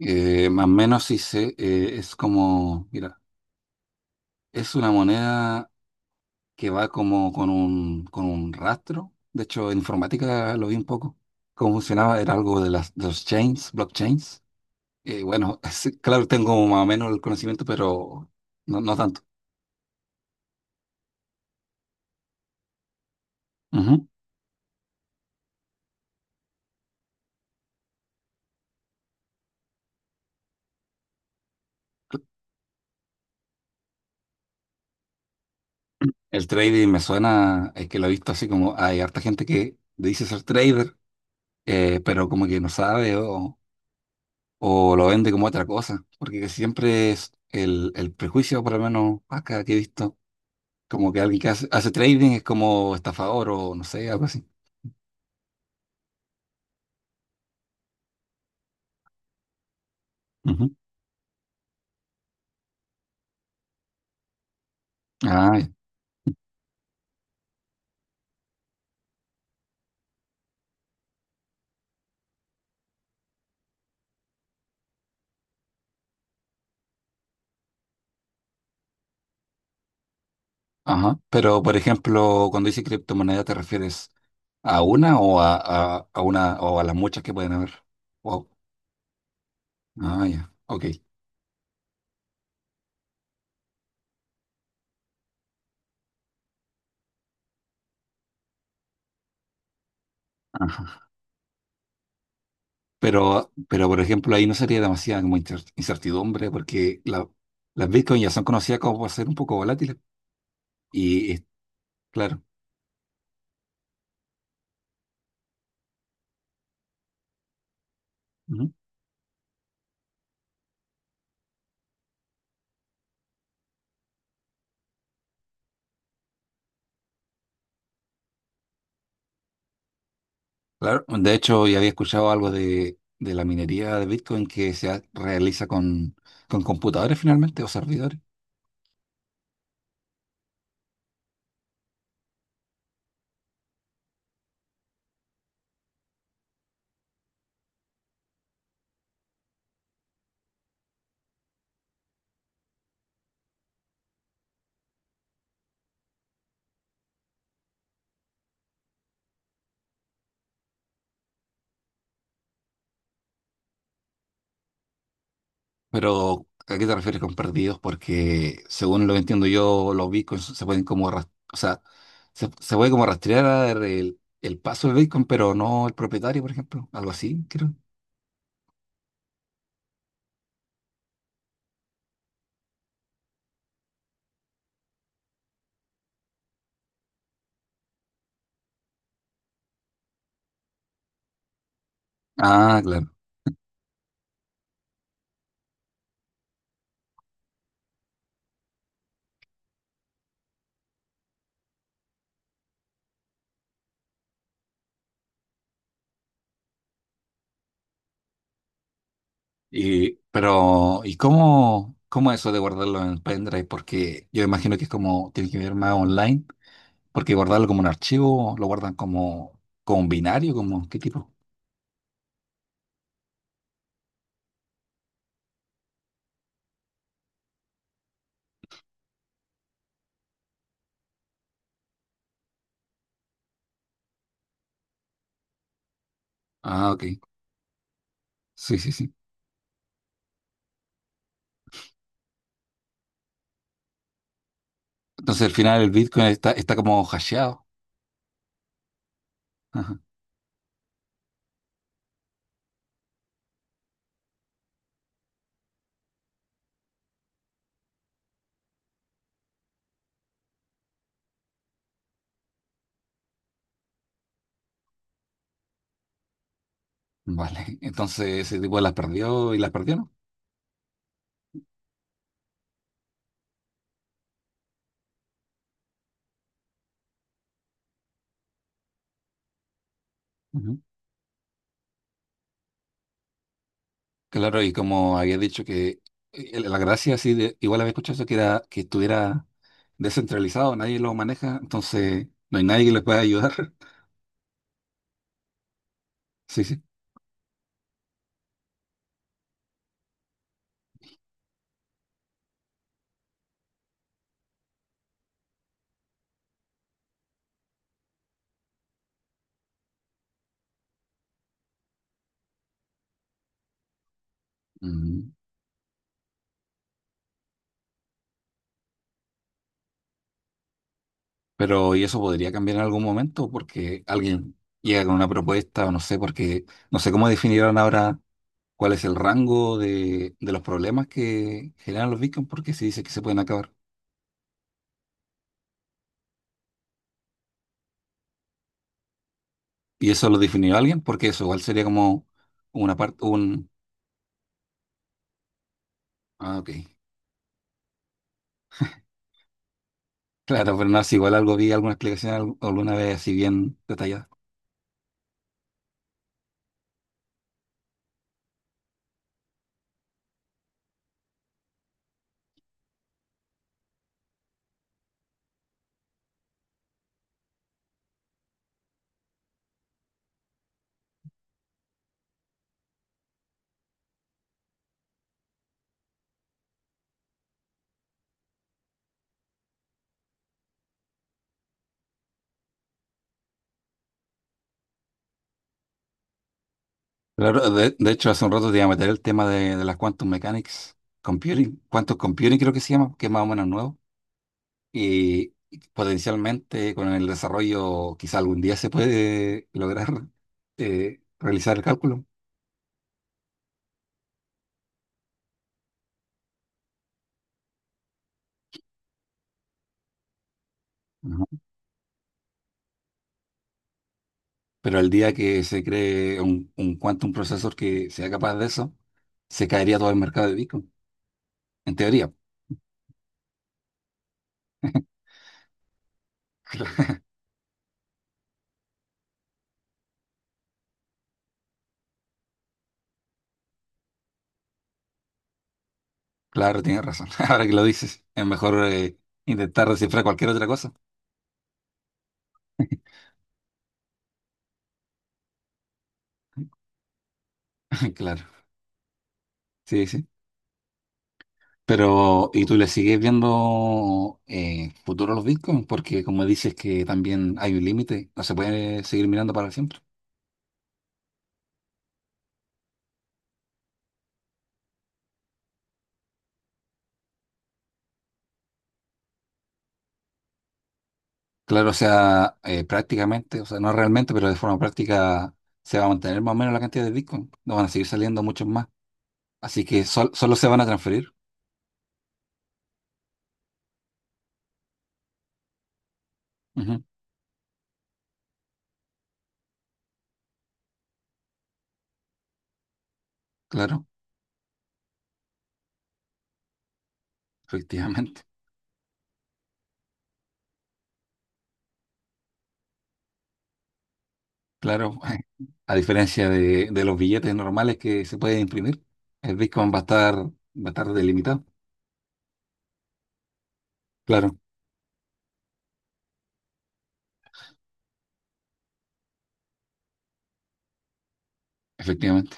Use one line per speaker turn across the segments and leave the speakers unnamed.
Más o menos sí sé, es como, mira, es una moneda que va como con un rastro. De hecho, en informática lo vi un poco. Cómo funcionaba, era algo de las de los chains, blockchains. Bueno, sí, claro, tengo más o menos el conocimiento, pero no tanto. Ujú. El trading me suena, es que lo he visto así como hay harta gente que dice ser trader, pero como que no sabe o lo vende como otra cosa, porque siempre es el prejuicio, por lo menos acá que he visto, como que alguien que hace trading es como estafador o no sé, algo así. Ujú. Ah, ya. Ajá. Pero, por ejemplo, cuando dice criptomoneda, ¿te refieres a una o a las muchas que pueden haber? Wow. Ah, ya. Ok. Ajá. Pero, por ejemplo, ahí no sería demasiada como incertidumbre, porque las Bitcoin ya son conocidas como por ser un poco volátiles. Y, es- claro. Claro, de hecho, ya había escuchado algo de la minería de Bitcoin que realiza con computadores finalmente o servidores. Pero, ¿a qué te refieres con perdidos? Porque, según lo que entiendo yo, los Bitcoins se pueden como, o sea, se, se puede como rastrear el paso del Bitcoin, pero no el propietario, por ejemplo. Algo así, creo. Ah, claro. ¿Y cómo, cómo eso de guardarlo en pendrive? Porque yo imagino que es como, tiene que ver más online. Porque guardarlo como un archivo, lo guardan como, como un binario, como qué tipo. Ah, ok. Sí, sí, sí. Entonces al final el Bitcoin está, está como hasheado. Ajá. Vale. Entonces ese tipo las perdió y las perdió, ¿no? Ujú. Claro, y como había dicho que la gracia sí, de, igual había escuchado eso que era que estuviera descentralizado, nadie lo maneja, entonces no hay nadie que les pueda ayudar. Sí, sí. Ujú. Pero, ¿y eso podría cambiar en algún momento? Porque alguien llega con una propuesta, o no sé, porque no sé cómo definirán ahora cuál es el rango de los problemas que generan los bitcoins, porque se dice que se pueden acabar. ¿Y eso lo definió alguien? Porque eso igual sería como una parte, un... Ah, ok. Claro, pero no, si igual algo vi, alguna explicación alguna vez así bien detallada. Claro, de hecho, hace un rato te iba a meter el tema de las quantum mechanics, computing, quantum computing creo que se llama, que es más o menos nuevo. Y potencialmente con el desarrollo quizá algún día se puede lograr realizar el cálculo. Ujú. Pero el día que se cree un quantum processor que sea capaz de eso, se caería todo el mercado de Bitcoin, en teoría. Claro, tienes razón. Ahora que lo dices, es mejor intentar descifrar cualquier otra cosa. Claro, sí, sí. Pero, ¿y tú le sigues viendo futuro a los bitcoins? Porque como dices que también hay un límite, no se puede seguir mirando para siempre. Claro, o sea, prácticamente, o sea, no realmente, pero de forma práctica se va a mantener más o menos la cantidad de bitcoin. No van a seguir saliendo muchos más. Así que solo se van a transferir. Ujú, claro, efectivamente. Claro, a diferencia de los billetes normales que se pueden imprimir, el bitcoin va a estar delimitado. Claro, efectivamente.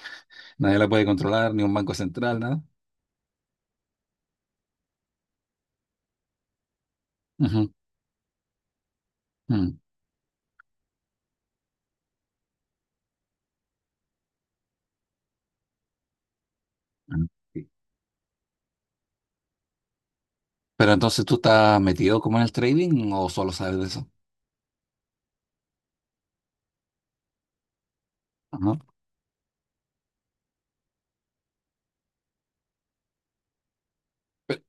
Nadie la puede controlar, ni un banco central, nada. Ujú, mm, mm. Sí. Pero entonces tú estás metido como en el trading o solo sabes de eso. Ajá. Pe-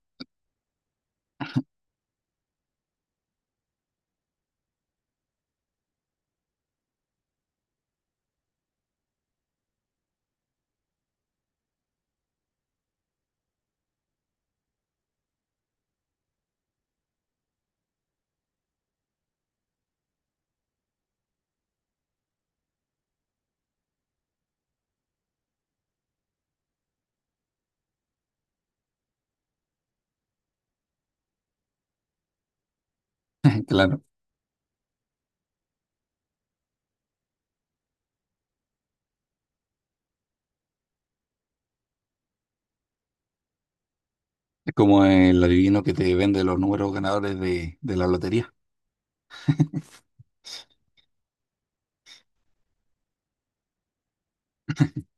Claro, es como el adivino que te vende los números ganadores de la lotería.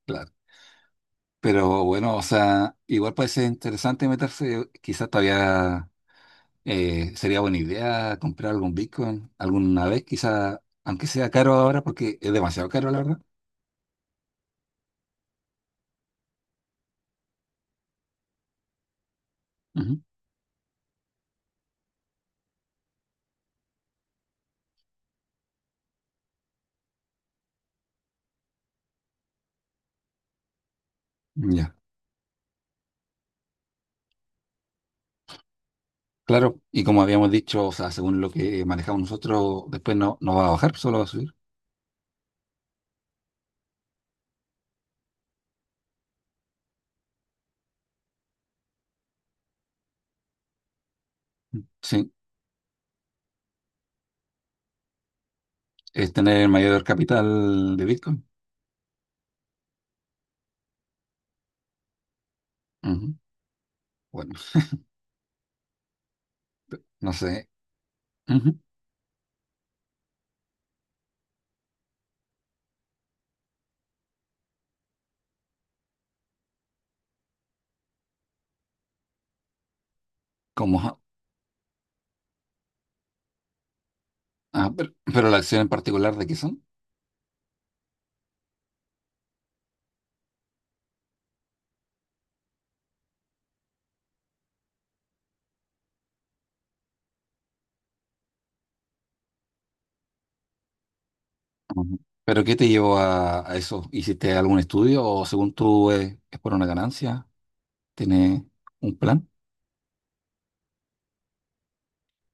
Claro. Pero bueno, o sea, igual puede ser interesante meterse, quizás todavía sería buena idea comprar algún Bitcoin alguna vez, quizás, aunque sea caro ahora, porque es demasiado caro, la verdad. Ujú. Ya. Claro, y como habíamos dicho, o sea, según lo que manejamos nosotros, después no, no va a bajar, solo va a subir. Sí, es tener el mayor capital de Bitcoin. Ujú. Bueno, no sé. Ujú. ¿Cómo? Ja- ah, pero la acción en particular, ¿de qué son? Ujú. ¿Pero qué te llevó a eso? ¿Hiciste algún estudio o según tú es por una ganancia? ¿Tiene un plan?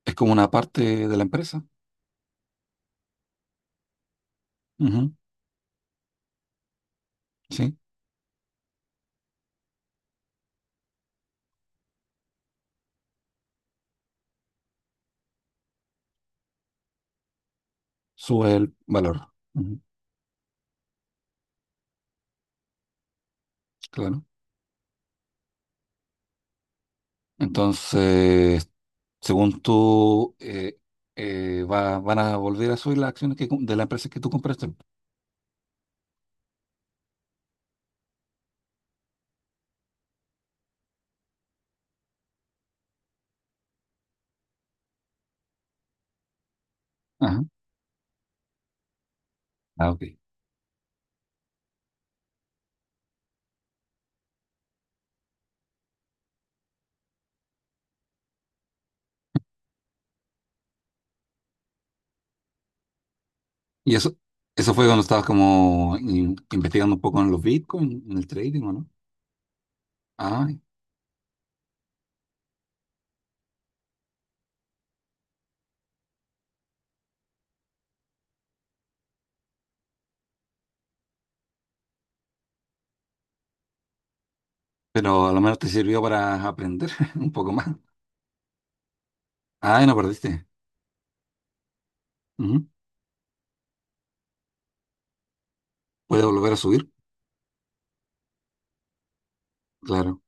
Es como una parte de la empresa. Ujú. Sí, sube el valor. Ujú. Claro. Entonces... Según tú, va- van a volver a subir las acciones que, com- de la empresa que tú compraste. Ajá. Ah, ok. Y eso fue cuando estabas como investigando un poco en los Bitcoin, en el trading, ¿o no? Ah, pero a lo menos te sirvió para aprender un poco más. Ah, y no perdiste. Ujú. Puede volver a subir, claro.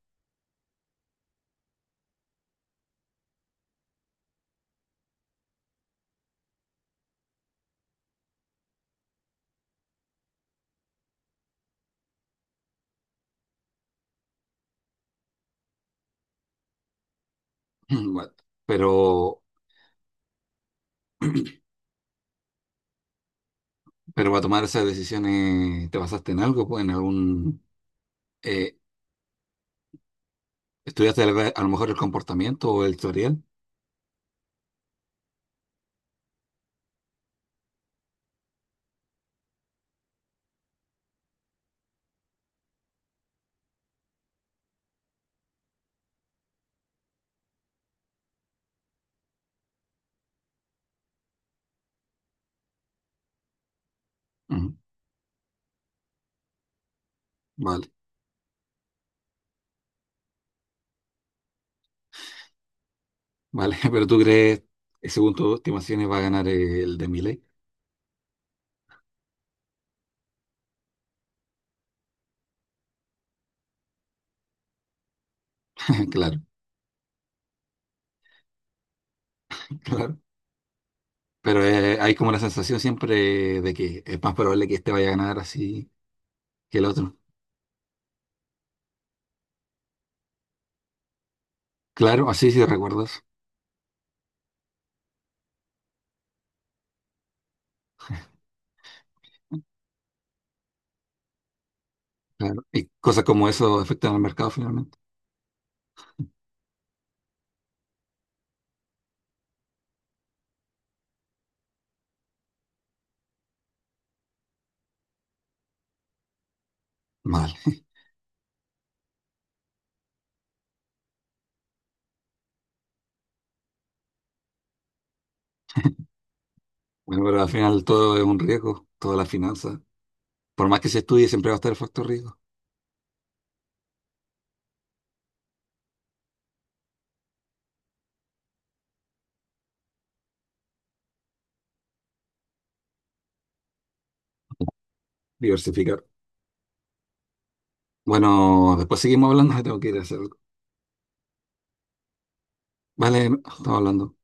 Bueno, pero, pero para tomar esas decisiones, ¿te basaste en algo? Pues, ¿en algún, eh, estudiaste a lo mejor el comportamiento o el tutorial? Ujú. Vale. Vale, pero tú crees, según tus estimaciones, va a ganar el de Milei. Claro, claro. Pero hay como la sensación siempre de que es más probable que este vaya a ganar así que el otro. Claro, así sí recuerdas. Claro. Y cosas como eso afectan al mercado finalmente. Vale. Bueno, pero al final todo es un riesgo, toda la finanza. Por más que se estudie, siempre va a estar el factor riesgo. Diversificar. Bueno, después seguimos hablando, tengo que ir a hacer algo. Vale, estamos hablando.